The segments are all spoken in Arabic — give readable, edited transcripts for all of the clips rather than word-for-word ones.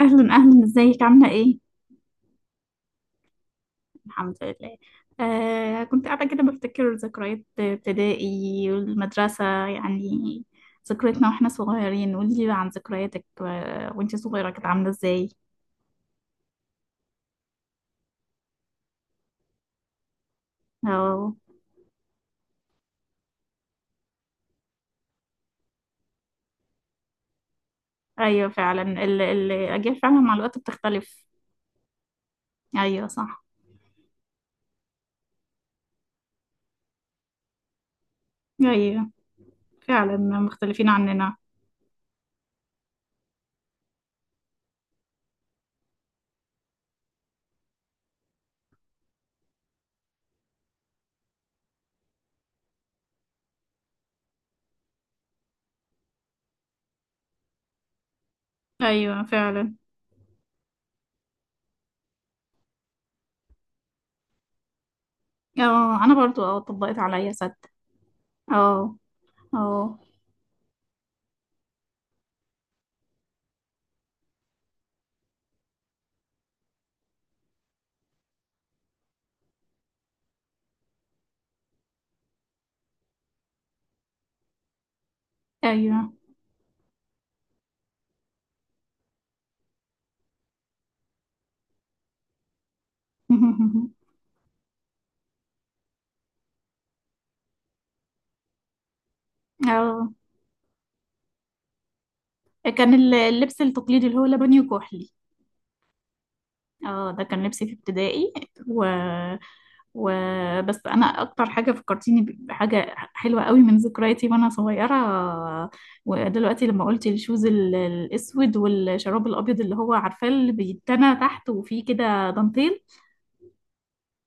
أهلا أهلا، ازيك عاملة ايه؟ الحمد لله. آه كنت قاعدة كده بفتكر ذكريات ابتدائي والمدرسة يعني، ذكرياتنا واحنا صغيرين. قولي لي عن ذكرياتك وانتي صغيرة، كانت عاملة ازاي؟ اه. ايوه فعلا، الأجيال فعلا مع الوقت بتختلف. ايوه صح. ايوه فعلا مختلفين عننا. ايوه فعلا. اه، انا برضو طبقت عليا صدق. اه. اه. ايوه. اه، كان اللبس التقليدي اللي هو لبني وكحلي. اه، ده كان لبسي في ابتدائي. و... و... بس انا اكتر حاجه فكرتيني بحاجه حلوه قوي من ذكرياتي وانا صغيره. ودلوقتي لما قلت الشوز الاسود والشراب الابيض اللي هو عارفاه، اللي بيتنى تحت وفيه كده دانتيل.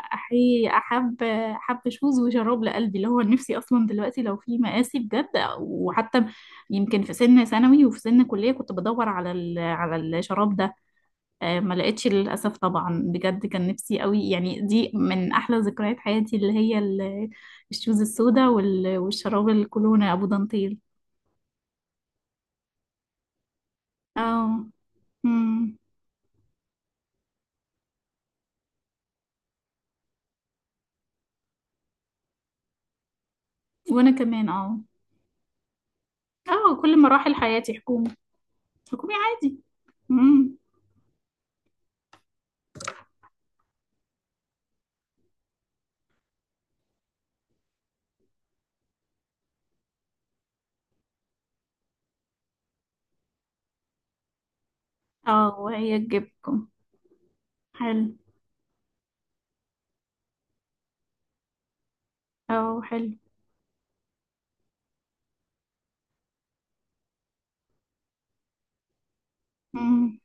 احي، احب شوز وشراب لقلبي، اللي هو نفسي اصلا دلوقتي لو في مقاسي بجد. وحتى يمكن في سن ثانوي وفي سن كليه كنت بدور على الشراب ده. ما لقيتش للأسف، طبعا بجد كان نفسي قوي يعني. دي من أحلى ذكريات حياتي، اللي هي الشوز السوداء والشراب الكولونا أبو دانتيل. اه. امم. وأنا كمان اه. اه، كل مراحل حياتي حكومي. حكومي عادي. امم. اه، وهي تجيبكم. حلو. اه. حلو. امم.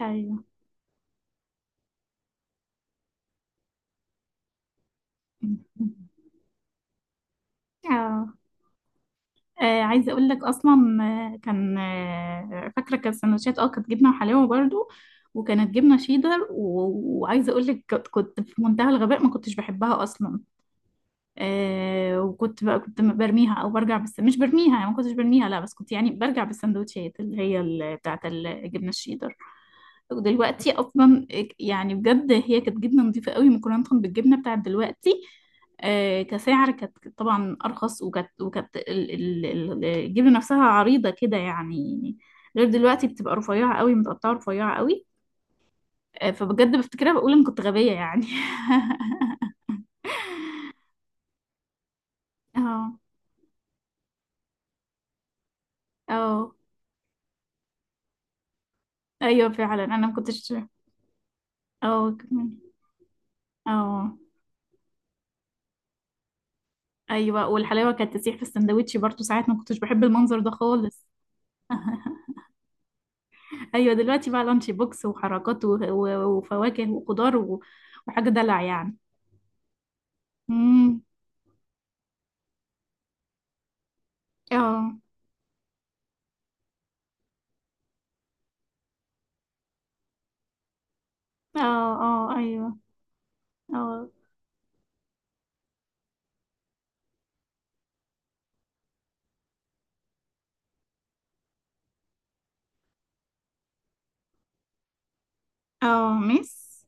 أيوه. اه، آه عايزه اقول لك اصلا. كان فاكره، كان سندوتشات كانت جبنه وحلاوه برضو. وكانت جبنه شيدر وعايزه اقول لك كنت في منتهى الغباء، ما كنتش بحبها اصلا. وكنت بقى، كنت برميها او برجع، بس مش برميها يعني، ما كنتش برميها لا، بس كنت يعني برجع بالسندوتشات اللي هي بتاعت الجبنه الشيدر. ودلوقتي اصلا يعني بجد هي كانت جبنه نظيفه قوي مقارنه بالجبنه بتاعت دلوقتي. كسعر كانت طبعا ارخص، وكانت الجبنه نفسها عريضه كده يعني غير دلوقتي بتبقى رفيعه قوي، متقطعه رفيعه قوي. فبجد بفتكرها، بقول ان كنت غبيه يعني. اه. اه. ايوه فعلا، انا ما كنتش. اه كمان. اه. ايوه، والحلاوه كانت تسيح في السندوتش برضو ساعات، ما كنتش بحب المنظر ده خالص. ايوه دلوقتي بقى لانش بوكس وحركات وفواكه وخضار وحاجه دلع يعني. امم. اه. اه. اه. ايوه. اه. اه، ميس.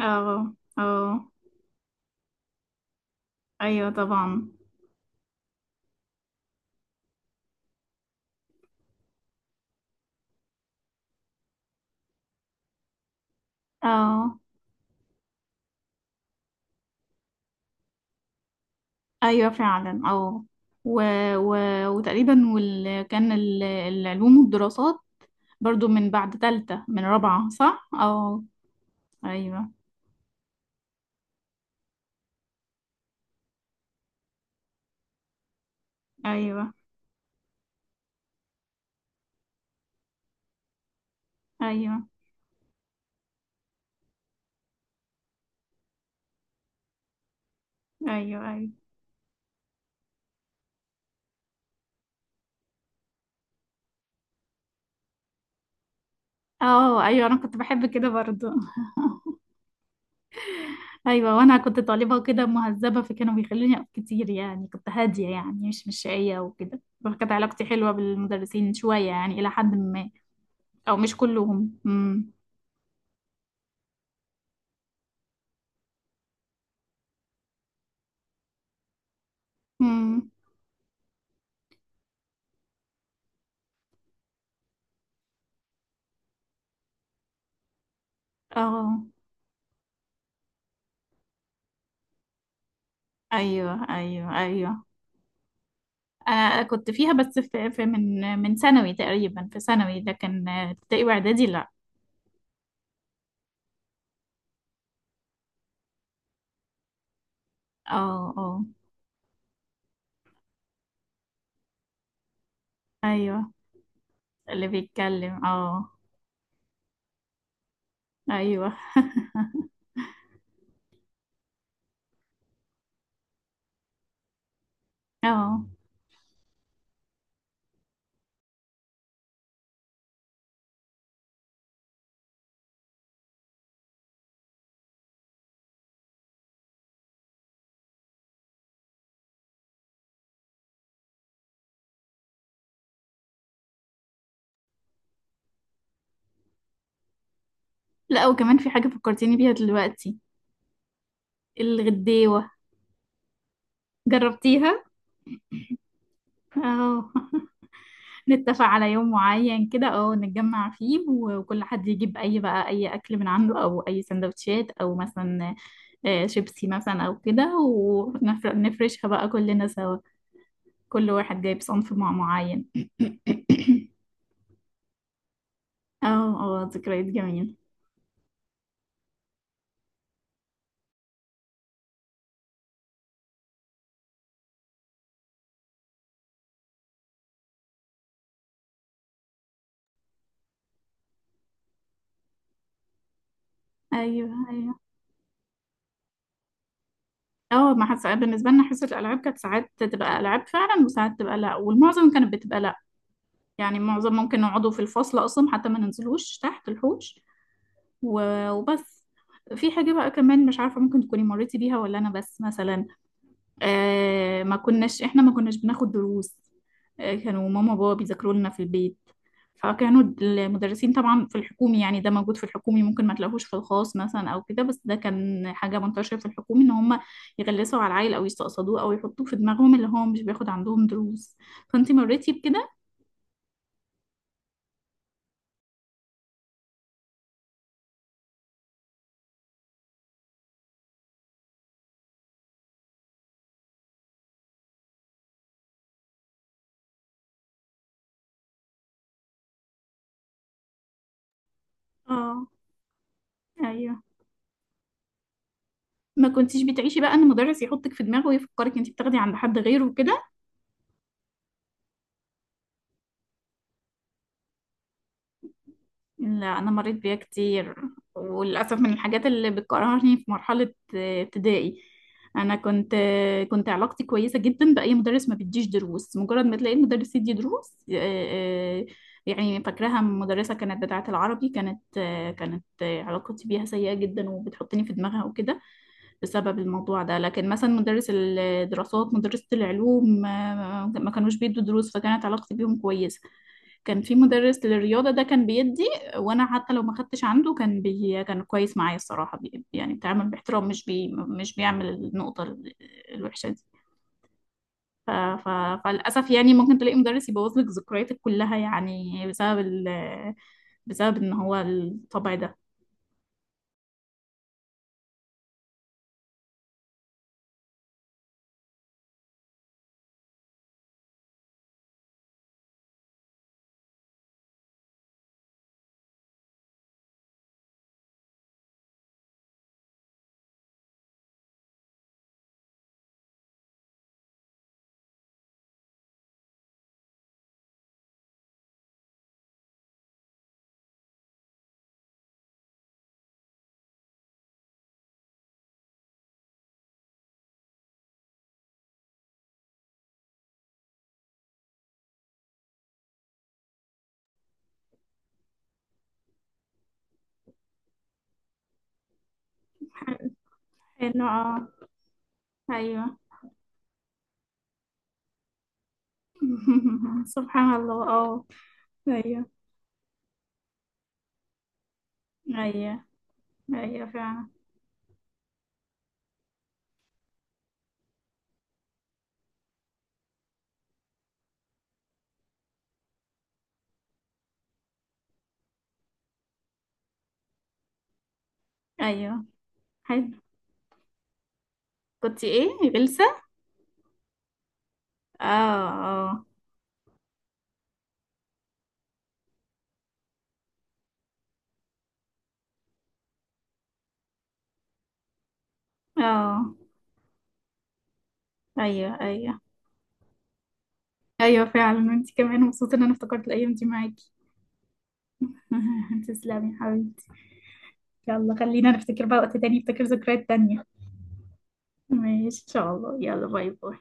اه. اه، ايوه طبعا. اه، ايوه فعلا. اه. و... و... وتقريبا كان العلوم والدراسات برضو من بعد تالتة، من رابعة صح؟ اه. ايوه. ايوه. ايوه. ايوه. ايوه. اه، ايوه انا كنت بحب كده برضو. ايوه، وانا كنت طالبه كده مهذبه، فكانوا بيخلوني اقف كتير يعني، كنت هاديه يعني، مش شقيه وكده، فكانت علاقتي حلوه بالمدرسين شويه يعني، الى حد ما. او مش كلهم. امم. امم. اه. ايوه. ايوه. ايوه. انا كنت فيها، بس في من ثانوي تقريبا، في ثانوي، لكن ابتدائي واعدادي لا. اه. اه. ايوه، اللي بيتكلم اه. ايوه. اه. لا، وكمان في حاجه فكرتيني بيها دلوقتي. الغديوه، جربتيها؟ اه. نتفق على يوم معين كده، نتجمع فيه وكل حد يجيب اي بقى، اي اكل من عنده او اي سندوتشات، او مثلا شيبسي مثلا او كده، ونفرشها بقى كلنا سوا، كل واحد جايب صنف معين. اه. اه، ذكريات جميلة. ايوه. ايوه. اه ما حس... بالنسبة لنا حصة الألعاب كانت ساعات تبقى ألعاب فعلا، وساعات تبقى لأ، والمعظم كانت بتبقى لأ. يعني معظم ممكن نقعدوا في الفصل أصلا، حتى ما ننزلوش تحت الحوش وبس. في حاجة بقى كمان مش عارفة ممكن تكوني مريتي بيها ولا أنا، بس مثلا آه، ما كناش إحنا ما كناش بناخد دروس. آه، كانوا ماما وبابا بيذاكروا لنا في البيت، فكانوا المدرسين طبعا في الحكومي، يعني ده موجود في الحكومي، ممكن ما تلاقوش في الخاص مثلا أو كده، بس ده كان حاجة منتشرة في الحكومي إن هم يغلسوا على العيل أو يستقصدوه أو يحطوه في دماغهم اللي هو مش بياخد عندهم دروس. فأنتي مريتي بكده؟ اه. ايوه. ما كنتيش بتعيشي بقى ان مدرس يحطك في دماغه ويفكرك انت بتاخدي عند حد غيره وكده. لا، أنا مريت بيها كتير. وللأسف من الحاجات اللي بتكرهني في مرحلة ابتدائي، أنا كنت علاقتي كويسة جدا بأي مدرس ما بيديش دروس. مجرد ما تلاقي المدرس يدي دروس يعني فاكراها، مدرسة كانت بتاعة العربي، كانت آه، كانت آه، علاقتي بيها سيئة جدا وبتحطني في دماغها وكده بسبب الموضوع ده. لكن مثلا مدرس الدراسات، مدرسة العلوم، ما كانوش بيدوا دروس، فكانت علاقتي بيهم كويسة. كان في مدرس للرياضة ده كان بيدي، وانا حتى لو ما خدتش عنده كان كان كويس معايا الصراحة، يعني بيتعامل باحترام، مش بيعمل النقطة الوحشة دي. ف... ف... فللأسف يعني ممكن تلاقي مدرس يبوظ لك ذكرياتك كلها يعني بسبب، بسبب ان هو الطبع ده. حلو اه. ايوه. سبحان الله اه. ايوه. ايوه. ايوه فعلا. ايوه. حلو. كنت ايه. غلسة. اه. اه. اه. ايوه. ايوه. ايوه فعلا، انت كمان مبسوطه ان انا افتكرت الايام دي معاكي. تسلمي يا حبيبتي. يلا خلينا نفتكر بقى وقت تاني، نفتكر ذكريات تانية. ماشي ان شاء الله، يلا باي باي.